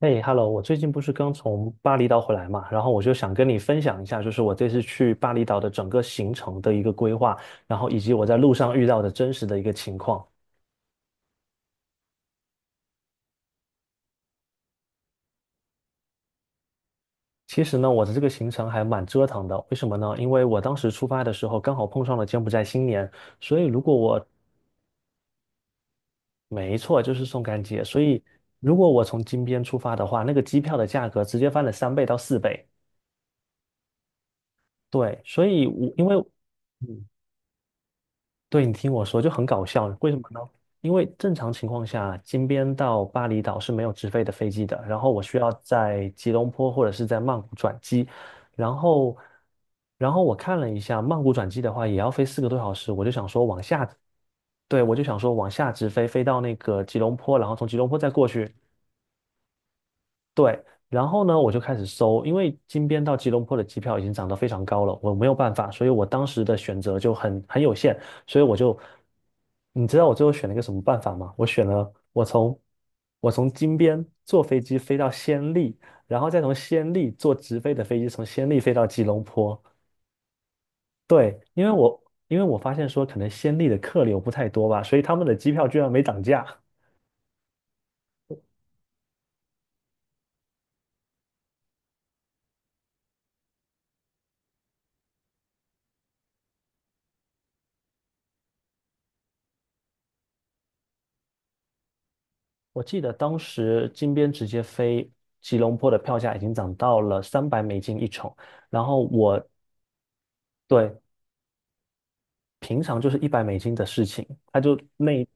哎，Hello，我最近不是刚从巴厘岛回来嘛，然后我就想跟你分享一下，就是我这次去巴厘岛的整个行程的一个规划，然后以及我在路上遇到的真实的一个情况。其实呢，我的这个行程还蛮折腾的，为什么呢？因为我当时出发的时候刚好碰上了柬埔寨新年，所以如果我没错就是宋干节，所以如果我从金边出发的话，那个机票的价格直接翻了3倍到4倍。对，所以我因为嗯对，你听我说，就很搞笑，为什么呢？因为正常情况下，金边到巴厘岛是没有直飞的飞机的，然后我需要在吉隆坡或者是在曼谷转机，然后，然后我看了一下，曼谷转机的话也要飞4个多小时，我就想说往下，对，我就想说往下直飞，飞到那个吉隆坡，然后从吉隆坡再过去，对，然后呢，我就开始搜，因为金边到吉隆坡的机票已经涨得非常高了，我没有办法，所以我当时的选择就很有限，所以我就，你知道我最后选了一个什么办法吗？我选了我从我从金边坐飞机飞到暹粒，然后再从暹粒坐直飞的飞机从暹粒飞到吉隆坡。对，因为我发现说可能暹粒的客流不太多吧，所以他们的机票居然没涨价。我记得当时金边直接飞吉隆坡的票价已经涨到了三百美金一程，然后我对，平常就是100美金的事情，它就那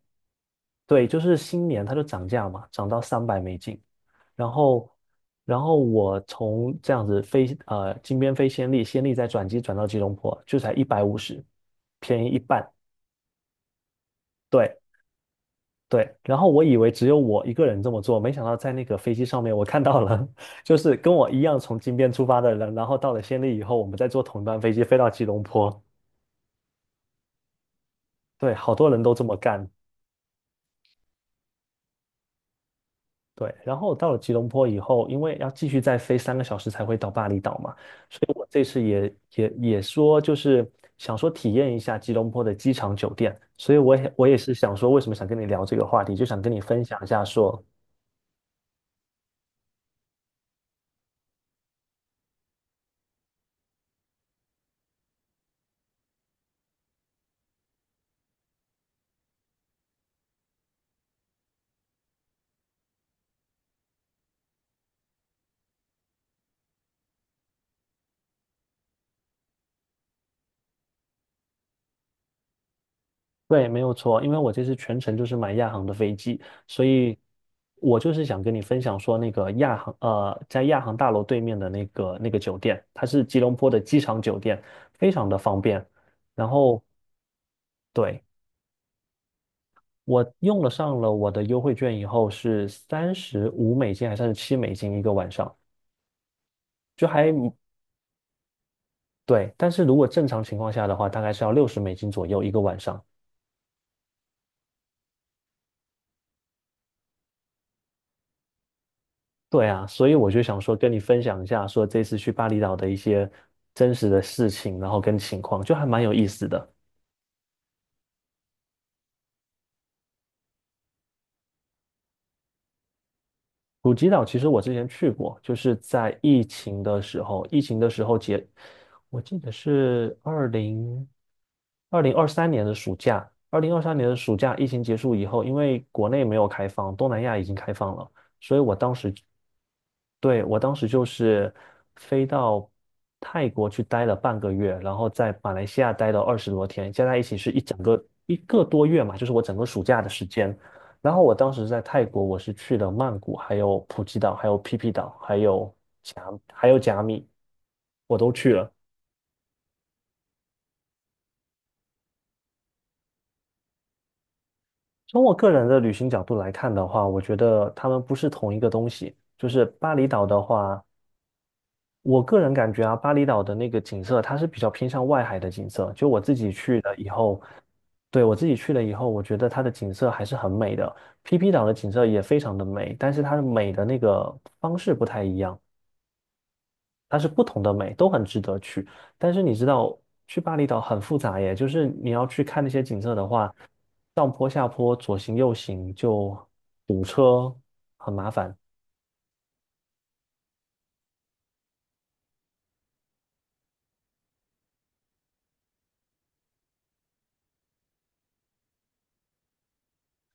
对，就是新年它就涨价嘛，涨到三百美金，然后然后我从这样子飞金边飞暹粒，暹粒再转机转到吉隆坡就才150，便宜一半。对，对，然后我以为只有我一个人这么做，没想到在那个飞机上面我看到了，就是跟我一样从金边出发的人，然后到了暹粒以后，我们再坐同一班飞机飞到吉隆坡。对，好多人都这么干。对，然后到了吉隆坡以后，因为要继续再飞3个小时才会到巴厘岛嘛，所以我这次也说就是想说体验一下吉隆坡的机场酒店，所以我也是想说为什么想跟你聊这个话题，就想跟你分享一下说对，没有错，因为我这次全程就是买亚航的飞机，所以我就是想跟你分享说，那个亚航，在亚航大楼对面的那个酒店，它是吉隆坡的机场酒店，非常的方便。然后，对，我用了上了我的优惠券以后是35美金还是37美金一个晚上，就还对。但是如果正常情况下的话，大概是要60美金左右一个晚上。对啊，所以我就想说跟你分享一下，说这次去巴厘岛的一些真实的事情，然后跟情况，就还蛮有意思的。普吉岛其实我之前去过，就是在疫情的时候，疫情的时候结，我记得是二零二三年的暑假，二零二三年的暑假，疫情结束以后，因为国内没有开放，东南亚已经开放了，所以我当时，对，我当时就是飞到泰国去待了半个月，然后在马来西亚待了20多天，加在一起是一整个一个多月嘛，就是我整个暑假的时间。然后我当时在泰国，我是去了曼谷，还有普吉岛，还有皮皮岛，甲，还有甲米，我都去了。从我个人的旅行角度来看的话，我觉得他们不是同一个东西。就是巴厘岛的话，我个人感觉啊，巴厘岛的那个景色，它是比较偏向外海的景色。就我自己去了以后，对，我自己去了以后，我觉得它的景色还是很美的。PP 岛的景色也非常的美，但是它的美的那个方式不太一样。它是不同的美，都很值得去。但是你知道，去巴厘岛很复杂耶，就是你要去看那些景色的话，上坡下坡，左行右行就堵车，很麻烦。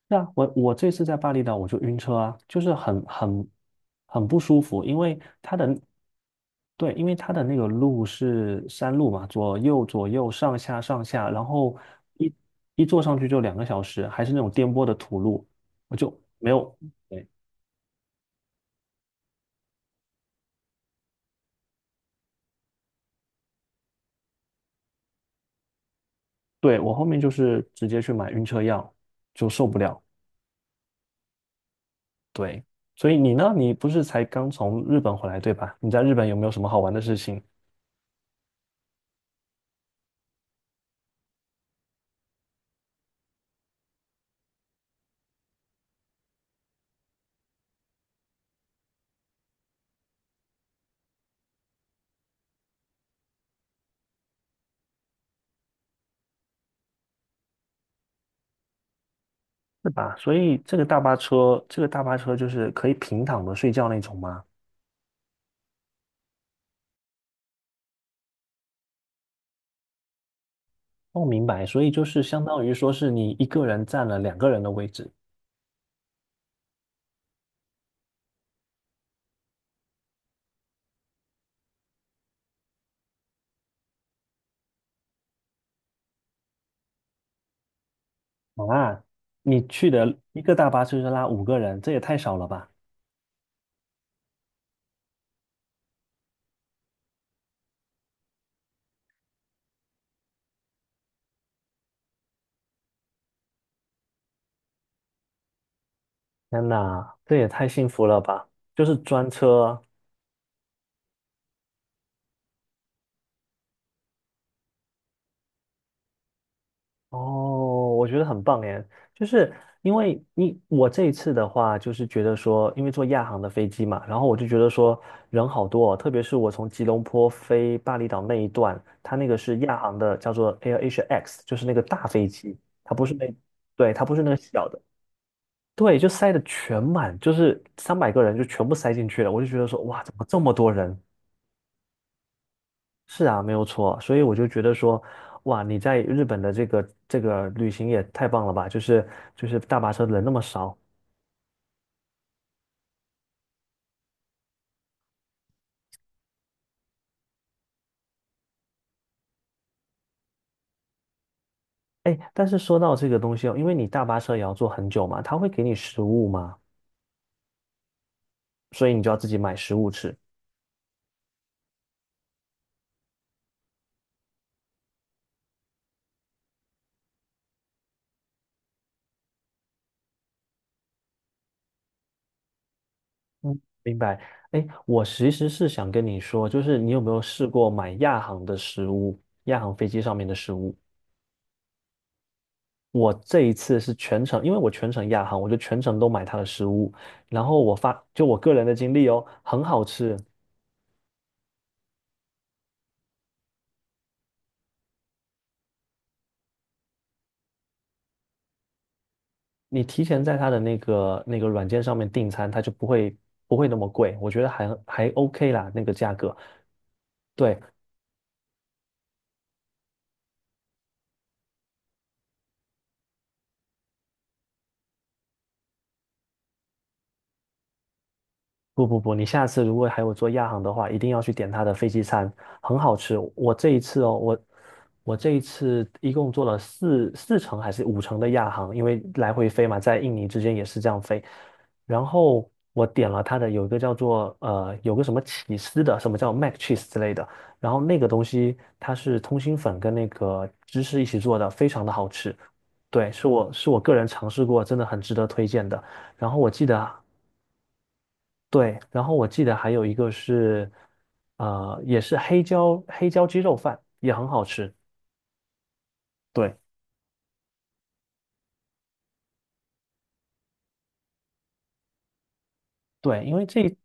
那我这次在巴厘岛我就晕车啊，就是很不舒服，因为它的对，因为它的那个路是山路嘛，左右左右上下上下，然后一一坐上去就2个小时，还是那种颠簸的土路，我就没有。对。对，我后面就是直接去买晕车药，就受不了。对，所以你呢？你不是才刚从日本回来，对吧？你在日本有没有什么好玩的事情？是吧？所以这个大巴车，就是可以平躺着睡觉那种吗？哦，明白。所以就是相当于说是你一个人占了两个人的位置啊。你去的一个大巴车就拉5个人，这也太少了吧？天哪，这也太幸福了吧！就是专车，哦，我觉得很棒哎，就是因为你我这一次的话，就是觉得说，因为坐亚航的飞机嘛，然后我就觉得说人好多哦，特别是我从吉隆坡飞巴厘岛那一段，它那个是亚航的，叫做 AirAsia X，就是那个大飞机，它不是那，对，它不是那个小的，对，就塞的全满，就是300个人就全部塞进去了，我就觉得说，哇，怎么这么多人？是啊，没有错，所以我就觉得说，哇，你在日本的这个旅行也太棒了吧！就是大巴车人那么少，哎，但是说到这个东西哦，因为你大巴车也要坐很久嘛，他会给你食物嘛，所以你就要自己买食物吃。嗯，明白。哎，我其实是想跟你说，就是你有没有试过买亚航的食物，亚航飞机上面的食物？我这一次是全程，因为我全程亚航，我就全程都买它的食物，然后我发，就我个人的经历哦，很好吃。你提前在他的那个软件上面订餐，他就不会那么贵，我觉得还 OK 啦，那个价格。对，不不不，你下次如果还有做亚航的话，一定要去点它的飞机餐，很好吃。我这一次哦，我这一次一共做了四程还是五程的亚航，因为来回飞嘛，在印尼之间也是这样飞。然后我点了它的有一个叫做有个什么起司的，什么叫 mac cheese 之类的，然后那个东西它是通心粉跟那个芝士一起做的，非常的好吃。对，是我个人尝试过，真的很值得推荐的。然后我记得对，然后我记得还有一个是，也是黑椒鸡肉饭，也很好吃。对对，因为这一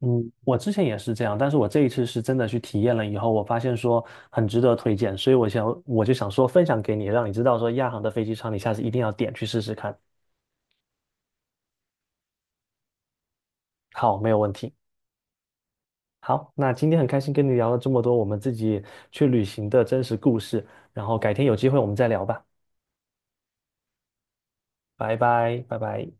嗯，我之前也是这样，但是我这一次是真的去体验了以后，我发现说很值得推荐，所以我就想说分享给你，让你知道说亚航的飞机餐你下次一定要点去试试看。好，没有问题。好，那今天很开心跟你聊了这么多我们自己去旅行的真实故事，然后改天有机会我们再聊吧，拜拜，拜拜。